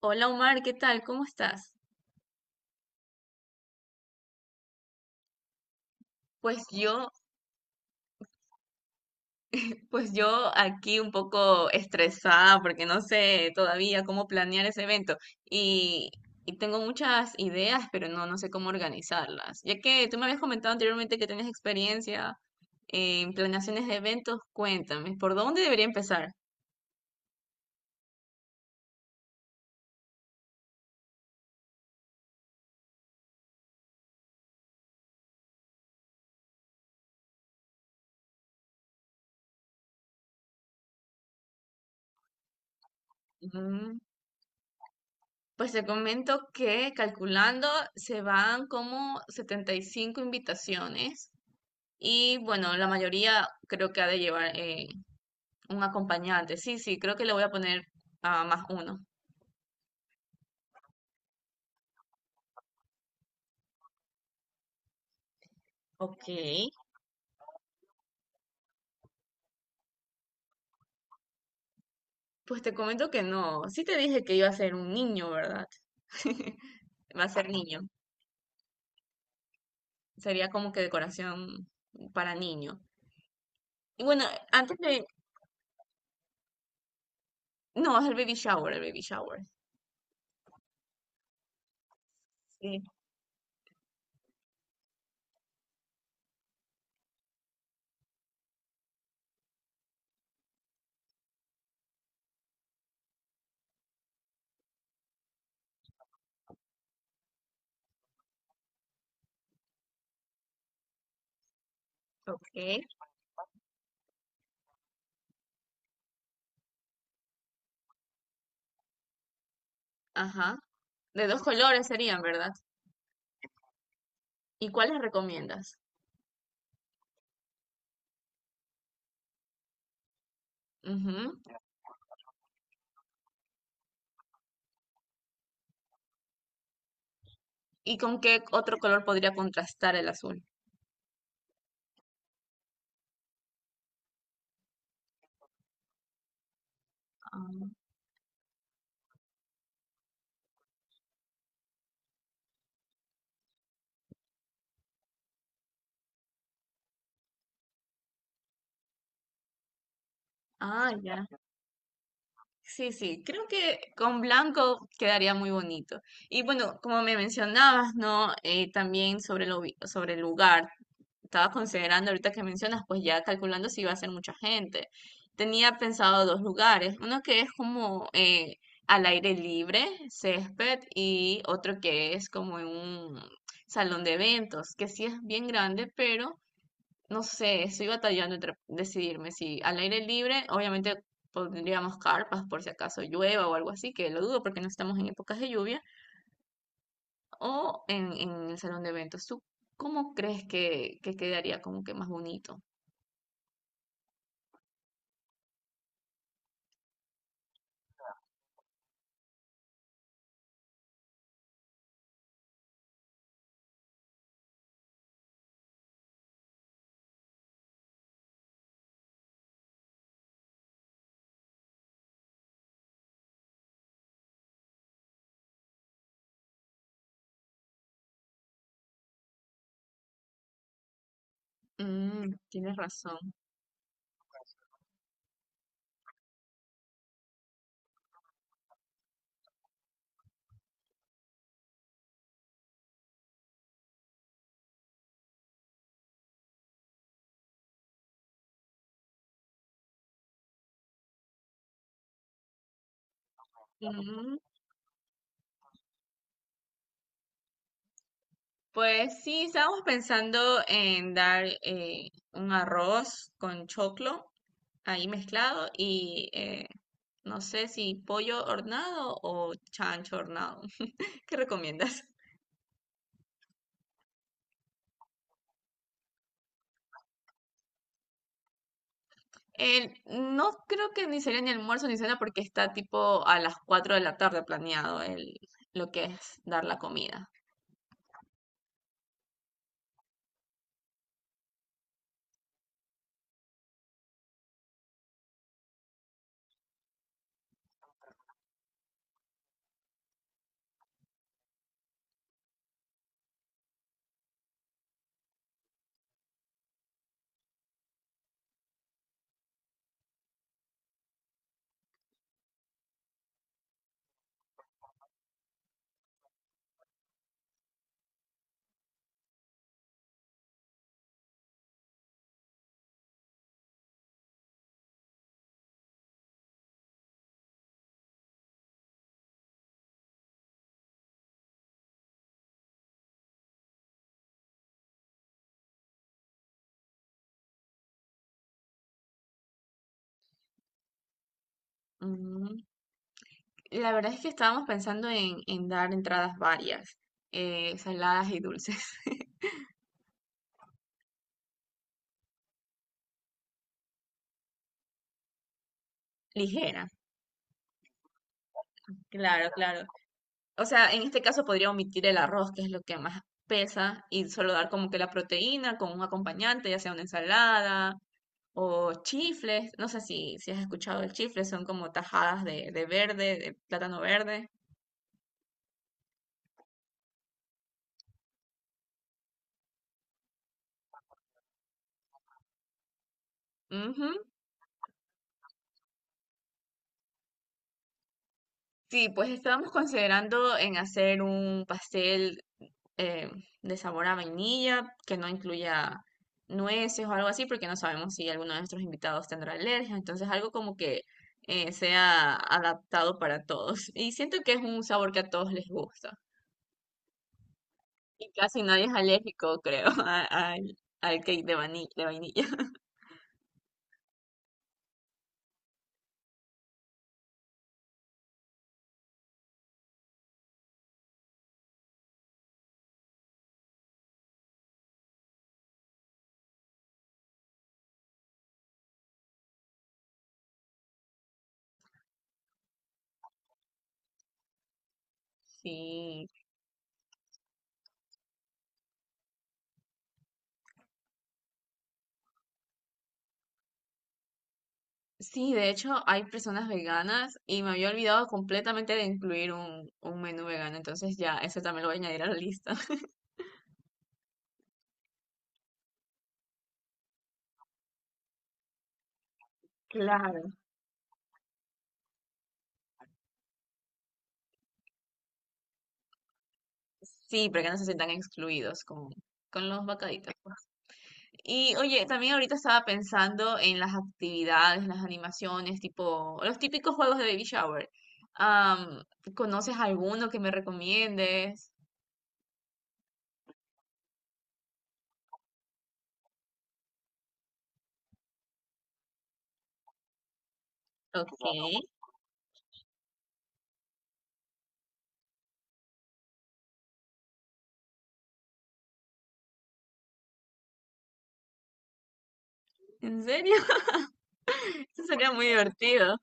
Hola Omar, ¿qué tal? ¿Cómo estás? Pues yo, pues yo aquí un poco estresada porque no sé todavía cómo planear ese evento y, y tengo muchas ideas, pero no sé cómo organizarlas. Ya que tú me habías comentado anteriormente que tenías experiencia en planeaciones de eventos, cuéntame, ¿por dónde debería empezar? Mm, Pues te comento que calculando se van como 75 invitaciones. Y bueno, la mayoría creo que ha de llevar un acompañante. Sí, sí, creo que le voy a poner a más uno. Ok. Pues te comento que no. Sí te dije que iba a ser un niño, ¿verdad? Va a ser niño. Sería como que decoración para niño. Y bueno, antes de... No, es el baby shower, el baby shower. Sí, ok. Ajá. De dos colores serían, ¿verdad? ¿Y cuáles recomiendas? Ujú. ¿Y con qué otro color podría contrastar el azul? Ah, ah, ya. Sí, sí, creo que con blanco quedaría muy bonito. Y bueno, como me mencionabas, ¿no? También sobre el lugar. Estaba considerando ahorita que mencionas, pues ya calculando si iba a ser mucha gente. Tenía pensado dos lugares, uno que es como al aire libre, césped, y otro que es como en un salón de eventos, que sí es bien grande, pero no sé, estoy batallando entre decidirme si al aire libre, obviamente pondríamos carpas por si acaso llueva o algo así, que lo dudo porque no estamos en épocas de lluvia, o en el salón de eventos. ¿Tú cómo crees que quedaría como que más bonito? Tienes razón. Mm, pues sí, estábamos pensando en dar un arroz con choclo ahí mezclado y no sé si pollo hornado o chancho hornado. ¿Qué recomiendas? No creo que ni sería ni almuerzo ni cena porque está tipo a las 4 de la tarde planeado el, lo que es dar la comida. Mm, La verdad es que estábamos pensando en dar entradas varias, saladas y dulces. Ligera. Claro, claro. O sea, en este caso podría omitir el arroz, que es lo que más pesa, y solo dar como que la proteína con un acompañante, ya sea una ensalada o chifles. No sé si has escuchado el chifle, son como tajadas de verde, de plátano verde. Ujú. Sí, pues estábamos considerando en hacer un pastel eh, de sabor a vainilla, que no incluya nueces o algo así, porque no sabemos si alguno de nuestros invitados tendrá alergia. Entonces, algo como que sea adaptado para todos. Y siento que es un sabor que a todos les gusta. Y casi nadie es alérgico, creo, al, al cake de vainilla. Sí, sí, de hecho hay personas veganas y me había olvidado completamente de incluir un menú vegano, entonces ya, ese también lo voy a añadir a la lista. Claro. Sí, para que no se sientan excluidos con los bacaditos, pues. Y oye, también ahorita estaba pensando en las actividades, las animaciones, tipo los típicos juegos de baby shower. Am, ¿conoces alguno que me recomiendes? Ok, ¿en serio? Eso sería muy divertido.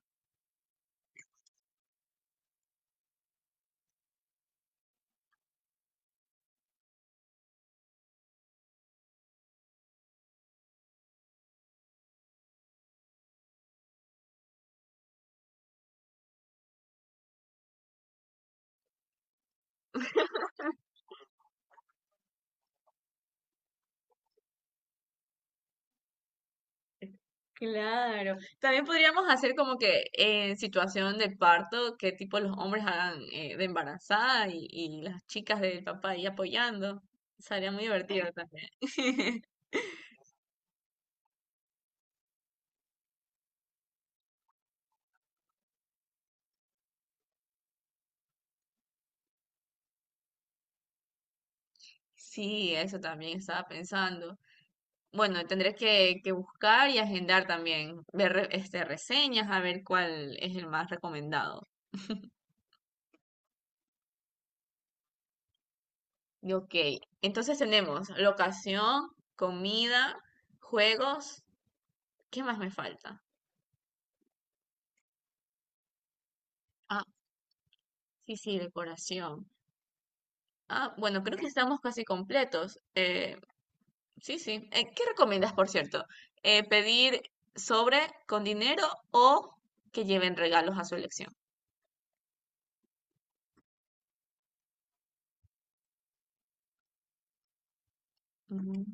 Claro. También podríamos hacer como que en situación de parto, que tipo los hombres hagan de embarazada y las chicas del papá ahí apoyando. Sería muy divertido también. Sí, eso también estaba pensando. Bueno, tendré que buscar y agendar también, ver este, reseñas, a ver cuál es el más recomendado. Y ok, entonces tenemos locación, comida, juegos. ¿Qué más me falta? Ah, sí, sí, decoración. Ah, bueno, creo que estamos casi completos. Sí, sí. ¿Qué recomiendas, por cierto? ¿Pedir sobre con dinero o que lleven regalos a su elección? Ujú.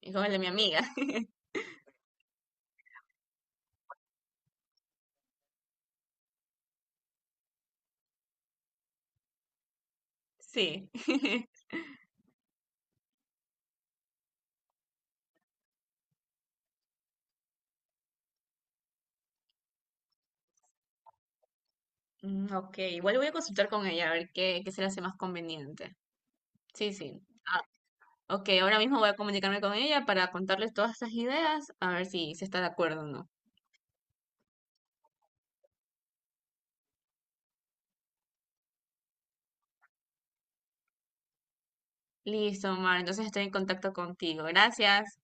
Y con el de mi amiga. Sí. Ok, igual voy a consultar con ella a ver qué se le hace más conveniente. Sí, sí. Ah, ok, ahora mismo voy a comunicarme con ella para contarles todas estas ideas, a ver si se está de acuerdo o no. Listo, Omar, entonces estoy en contacto contigo. Gracias.